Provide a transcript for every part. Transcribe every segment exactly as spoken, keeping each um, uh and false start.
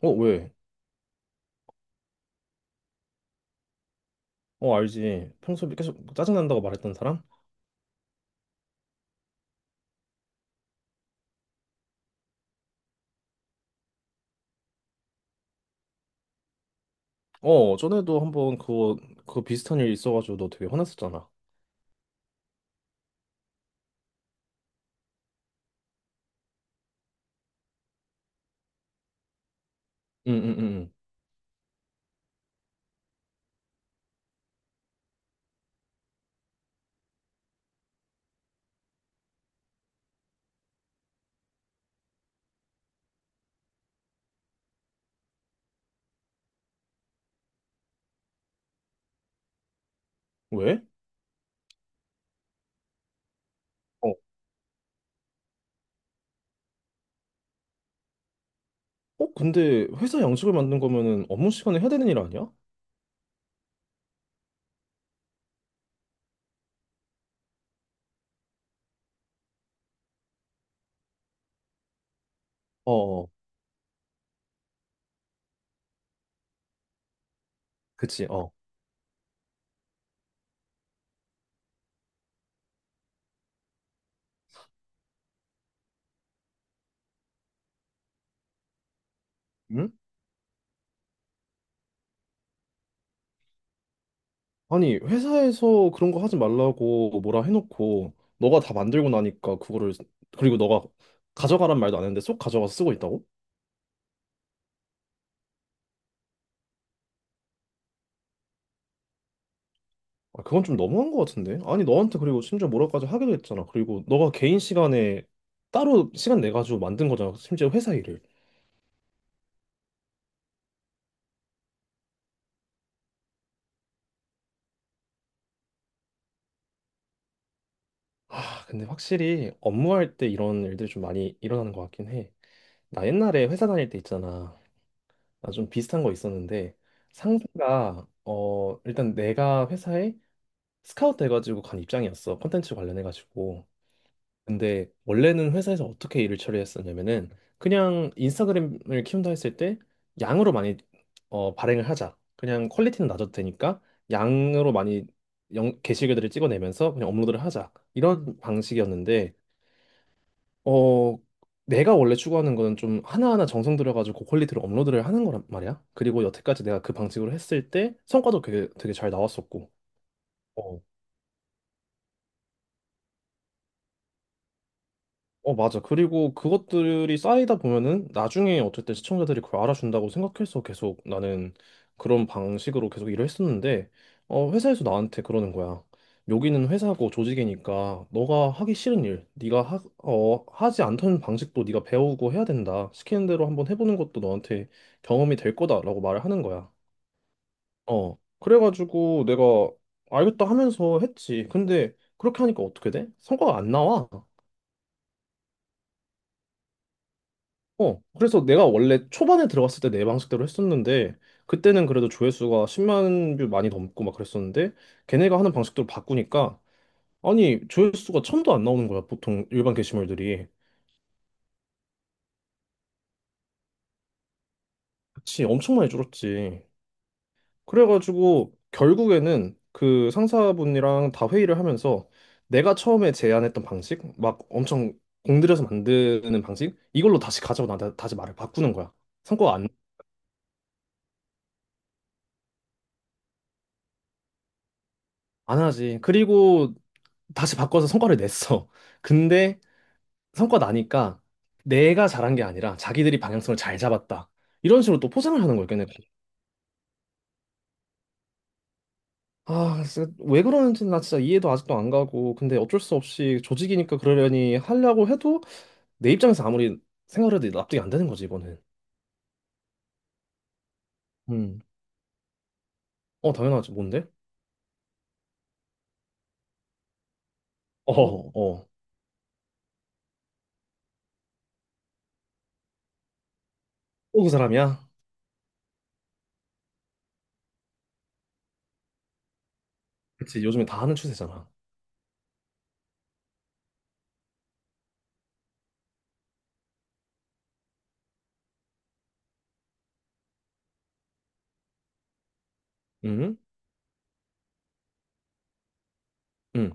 어, 왜? 어, 알지. 평소에 계속 뭐 짜증난다고 말했던 사람? 어, 전에도 한번 그거, 그거 비슷한 일 있어가지고 너 되게 화났었잖아. 응, 응, 응. 응. 왜? 어, 어, 근데 회사 양식을 만든 거면은 업무 시간에 해야 되는 일 아니야? 어, 어, 그치, 어. 응? 아니, 회사에서 그런 거 하지 말라고 뭐라 해놓고 너가 다 만들고 나니까 그거를, 그리고 너가 가져가란 말도 안 했는데 쏙 가져가서 쓰고 있다고? 아, 그건 좀 너무한 것 같은데? 아니, 너한테 그리고 심지어 뭐라까지 하기도 했잖아. 그리고 너가 개인 시간에 따로 시간 내가지고 만든 거잖아. 심지어 회사 일을. 아, 근데 확실히 업무할 때 이런 일들이 좀 많이 일어나는 것 같긴 해. 나 옛날에 회사 다닐 때 있잖아. 나 좀 비슷한 거 있었는데 상사가 어 일단 내가 회사에 스카우트 돼가지고 간 입장이었어. 컨텐츠 관련해가지고. 근데 원래는 회사에서 어떻게 일을 처리했었냐면은 그냥 인스타그램을 키운다 했을 때 양으로 많이 어, 발행을 하자. 그냥 퀄리티는 낮아도 되니까 양으로 많이 영, 게시글들을 찍어내면서 그냥 업로드를 하자. 이런 방식이었는데 어 내가 원래 추구하는 거는 좀 하나하나 정성 들여가지고 고퀄리티로 업로드를 하는 거란 말이야. 그리고 여태까지 내가 그 방식으로 했을 때 성과도 되게, 되게 잘 나왔었고. 어, 어, 맞아. 그리고 그것들이 쌓이다 보면은 나중에 어쨌든 시청자들이 그걸 알아준다고 생각해서 계속 나는 그런 방식으로 계속 일을 했었는데, 어, 회사에서 나한테 그러는 거야. 여기는 회사고 조직이니까 너가 하기 싫은 일, 네가 하, 어, 하지 않던 방식도 네가 배우고 해야 된다. 시키는 대로 한번 해보는 것도 너한테 경험이 될 거다라고 말을 하는 거야. 어. 그래가지고 내가 알겠다 하면서 했지. 근데 그렇게 하니까 어떻게 돼? 성과가 안 나와. 어, 그래서 내가 원래 초반에 들어갔을 때 내 방식대로 했었는데, 그때는 그래도 조회수가 십만 뷰 많이 넘고 막 그랬었는데, 걔네가 하는 방식대로 바꾸니까, 아니, 조회수가 천도 안 나오는 거야, 보통 일반 게시물들이. 그치, 엄청 많이 줄었지. 그래가지고, 결국에는 그 상사분이랑 다 회의를 하면서, 내가 처음에 제안했던 방식, 막 엄청 공들여서 만드는 방식, 이걸로 다시 가자고 나한테 다시 말을 바꾸는 거야. 성과가 안, 안 하지. 그리고 다시 바꿔서 성과를 냈어. 근데 성과 나니까 내가 잘한 게 아니라 자기들이 방향성을 잘 잡았다. 이런 식으로 또 포장을 하는 거예요, 걔네가. 아, 진짜 왜 그러는지 나 진짜 이해도 아직도 안 가고. 근데 어쩔 수 없이 조직이니까 그러려니 하려고 해도 내 입장에서 아무리 생각을 해도 납득이 안 되는 거지, 이번엔. 음. 어, 당연하지. 뭔데? 어, 어. 또 그 사람이야? 그치, 요즘에 다 하는 추세잖아. 응? 응.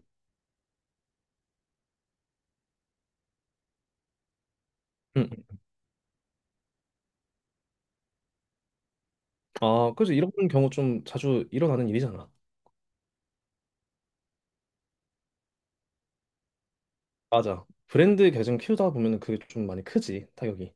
응. 응. 아, 그치. 이런 경우 좀 자주 일어나는 일이잖아. 맞아. 브랜드 계정 키우다 보면은 그게 좀 많이 크지, 타격이.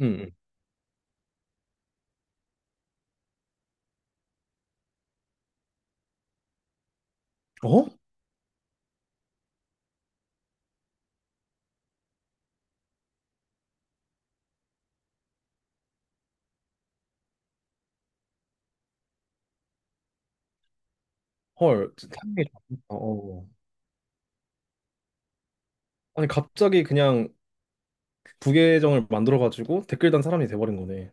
응. 응. 어? 헐, 진짜 타격이 좀- 어. 어. 아니 갑자기 그냥 부계정을 만들어가지고 댓글 단 사람이 돼버린 거네.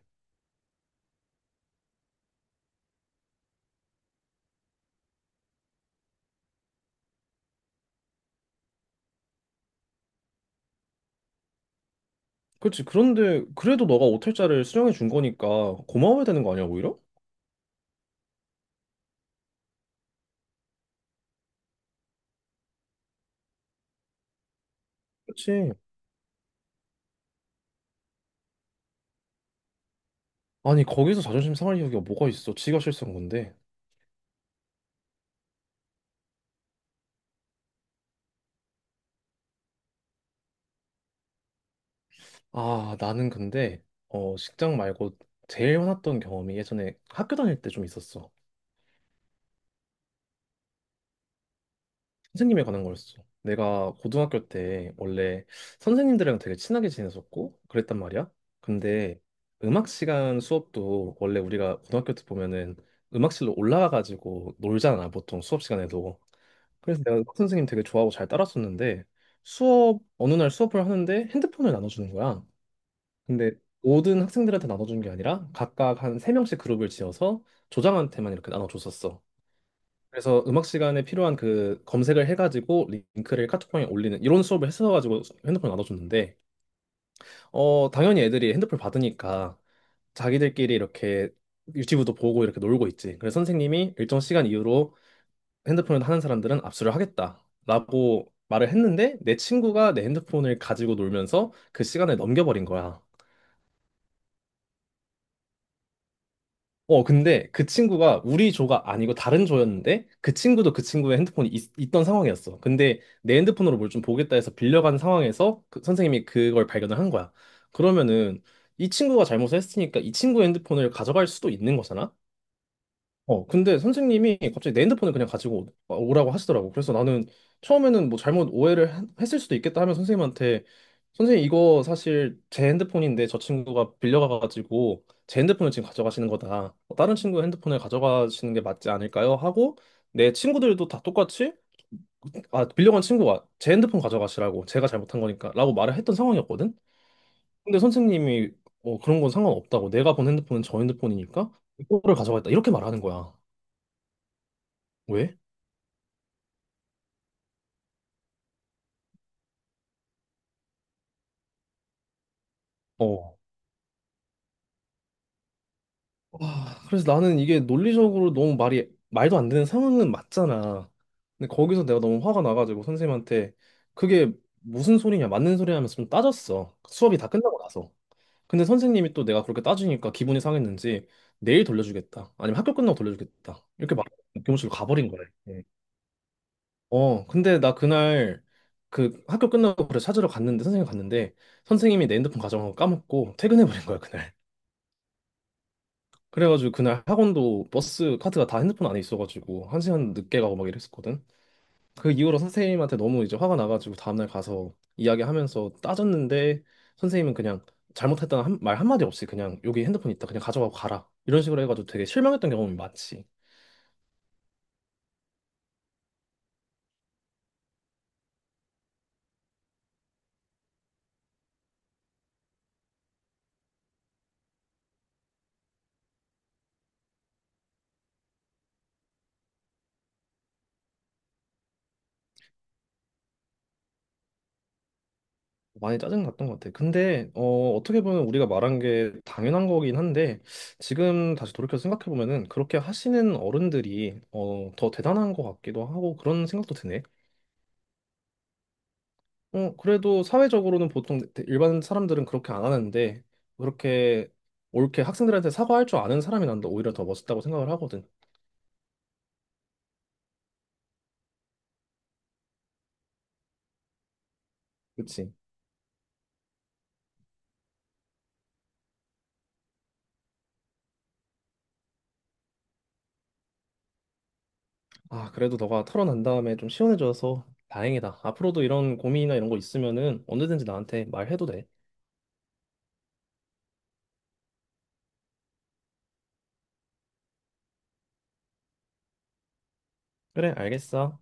그렇지. 그런데 그래도 너가 오탈자를 수령해 준 거니까 고마워야 되는 거 아니야, 오히려? 그렇지. 아니 거기서 자존심 상할 이유가 뭐가 있어? 지가 실수한 건데. 아 나는 근데 어 직장 말고 제일 화났던 경험이 예전에 학교 다닐 때 좀 있었어. 선생님에 관한 거였어. 내가 고등학교 때 원래 선생님들이랑 되게 친하게 지냈었고 그랬단 말이야. 근데 음악 시간 수업도 원래 우리가 고등학교 때 보면은 음악실로 올라가가지고 놀잖아, 보통 수업 시간에도. 그래서 내가 음악 선생님 되게 좋아하고 잘 따랐었는데 수업, 어느 날 수업을 하는데 핸드폰을 나눠주는 거야. 근데 모든 학생들한테 나눠주는 게 아니라 각각 한 세명씩 그룹을 지어서 조장한테만 이렇게 나눠줬었어. 그래서 음악 시간에 필요한 그 검색을 해가지고 링크를 카톡방에 올리는 이런 수업을 했어가지고 핸드폰 나눠줬는데 어 당연히 애들이 핸드폰 받으니까 자기들끼리 이렇게 유튜브도 보고 이렇게 놀고 있지. 그래서 선생님이 일정 시간 이후로 핸드폰을 하는 사람들은 압수를 하겠다라고 말을 했는데 내 친구가 내 핸드폰을 가지고 놀면서 그 시간을 넘겨버린 거야. 어, 근데 그 친구가 우리 조가 아니고 다른 조였는데 그 친구도 그 친구의 핸드폰이 있, 던 상황이었어. 근데 내 핸드폰으로 뭘 좀 보겠다 해서 빌려간 상황에서 그 선생님이 그걸 발견을 한 거야. 그러면은 이 친구가 잘못을 했으니까 이 친구의 핸드폰을 가져갈 수도 있는 거잖아? 어, 근데 선생님이 갑자기 내 핸드폰을 그냥 가지고 오- 오라고 하시더라고. 그래서 나는 처음에는 뭐 잘못 오해를 했- 했을 수도 있겠다 하면 선생님한테 선생님 이거 사실 제 핸드폰인데 저 친구가 빌려가가지고 제 핸드폰을 지금 가져가시는 거다. 어, 다른 친구 핸드폰을 가져가시는 게 맞지 않을까요? 하고 내 친구들도 다 똑같이 아, 빌려간 친구가 제 핸드폰 가져가시라고 제가 잘못한 거니까 라고 말을 했던 상황이었거든. 근데 선생님이 어, 그런 건 상관없다고 내가 본 핸드폰은 저 핸드폰이니까 이거를 가져가겠다 이렇게 말하는 거야. 왜? 어, 와, 그래서 나는 이게 논리적으로 너무 말이 말도 안 되는 상황은 맞잖아. 근데 거기서 내가 너무 화가 나가지고 선생님한테 그게 무슨 소리냐, 맞는 소리 하면서 좀 따졌어. 수업이 다 끝나고 나서. 근데 선생님이 또 내가 그렇게 따지니까 기분이 상했는지 내일 돌려주겠다. 아니면 학교 끝나고 돌려주겠다. 이렇게 막 교무실로 가버린 거래. 예. 어, 근데 나 그날 그 학교 끝나고 그래 찾으러 갔는데 선생님 갔는데 선생님이 내 핸드폰 가져간 거 까먹고 퇴근해버린 거야, 그날. 그래가지고 그날 학원도 버스 카드가 다 핸드폰 안에 있어가지고 한 시간 늦게 가고 막 이랬었거든. 그 이후로 선생님한테 너무 이제 화가 나가지고 다음날 가서 이야기하면서 따졌는데 선생님은 그냥 잘못했다는 한, 말 한마디 없이 그냥 여기 핸드폰 있다 그냥 가져가고 가라 이런 식으로 해가지고 되게 실망했던 경험이 많지. 많이 짜증 났던 것 같아. 근데 어, 어떻게 보면 우리가 말한 게 당연한 거긴 한데 지금 다시 돌이켜 생각해 보면은 그렇게 하시는 어른들이 어, 더 대단한 것 같기도 하고 그런 생각도 드네. 어, 그래도 사회적으로는 보통 일반 사람들은 그렇게 안 하는데, 그렇게 옳게 학생들한테 사과할 줄 아는 사람이 난다 오히려 더 멋있다고 생각을 하거든. 그치? 아, 그래도 너가 털어난 다음에 좀 시원해져서 다행이다. 앞으로도 이런 고민이나 이런 거 있으면은 언제든지 나한테 말해도 돼. 그래, 알겠어.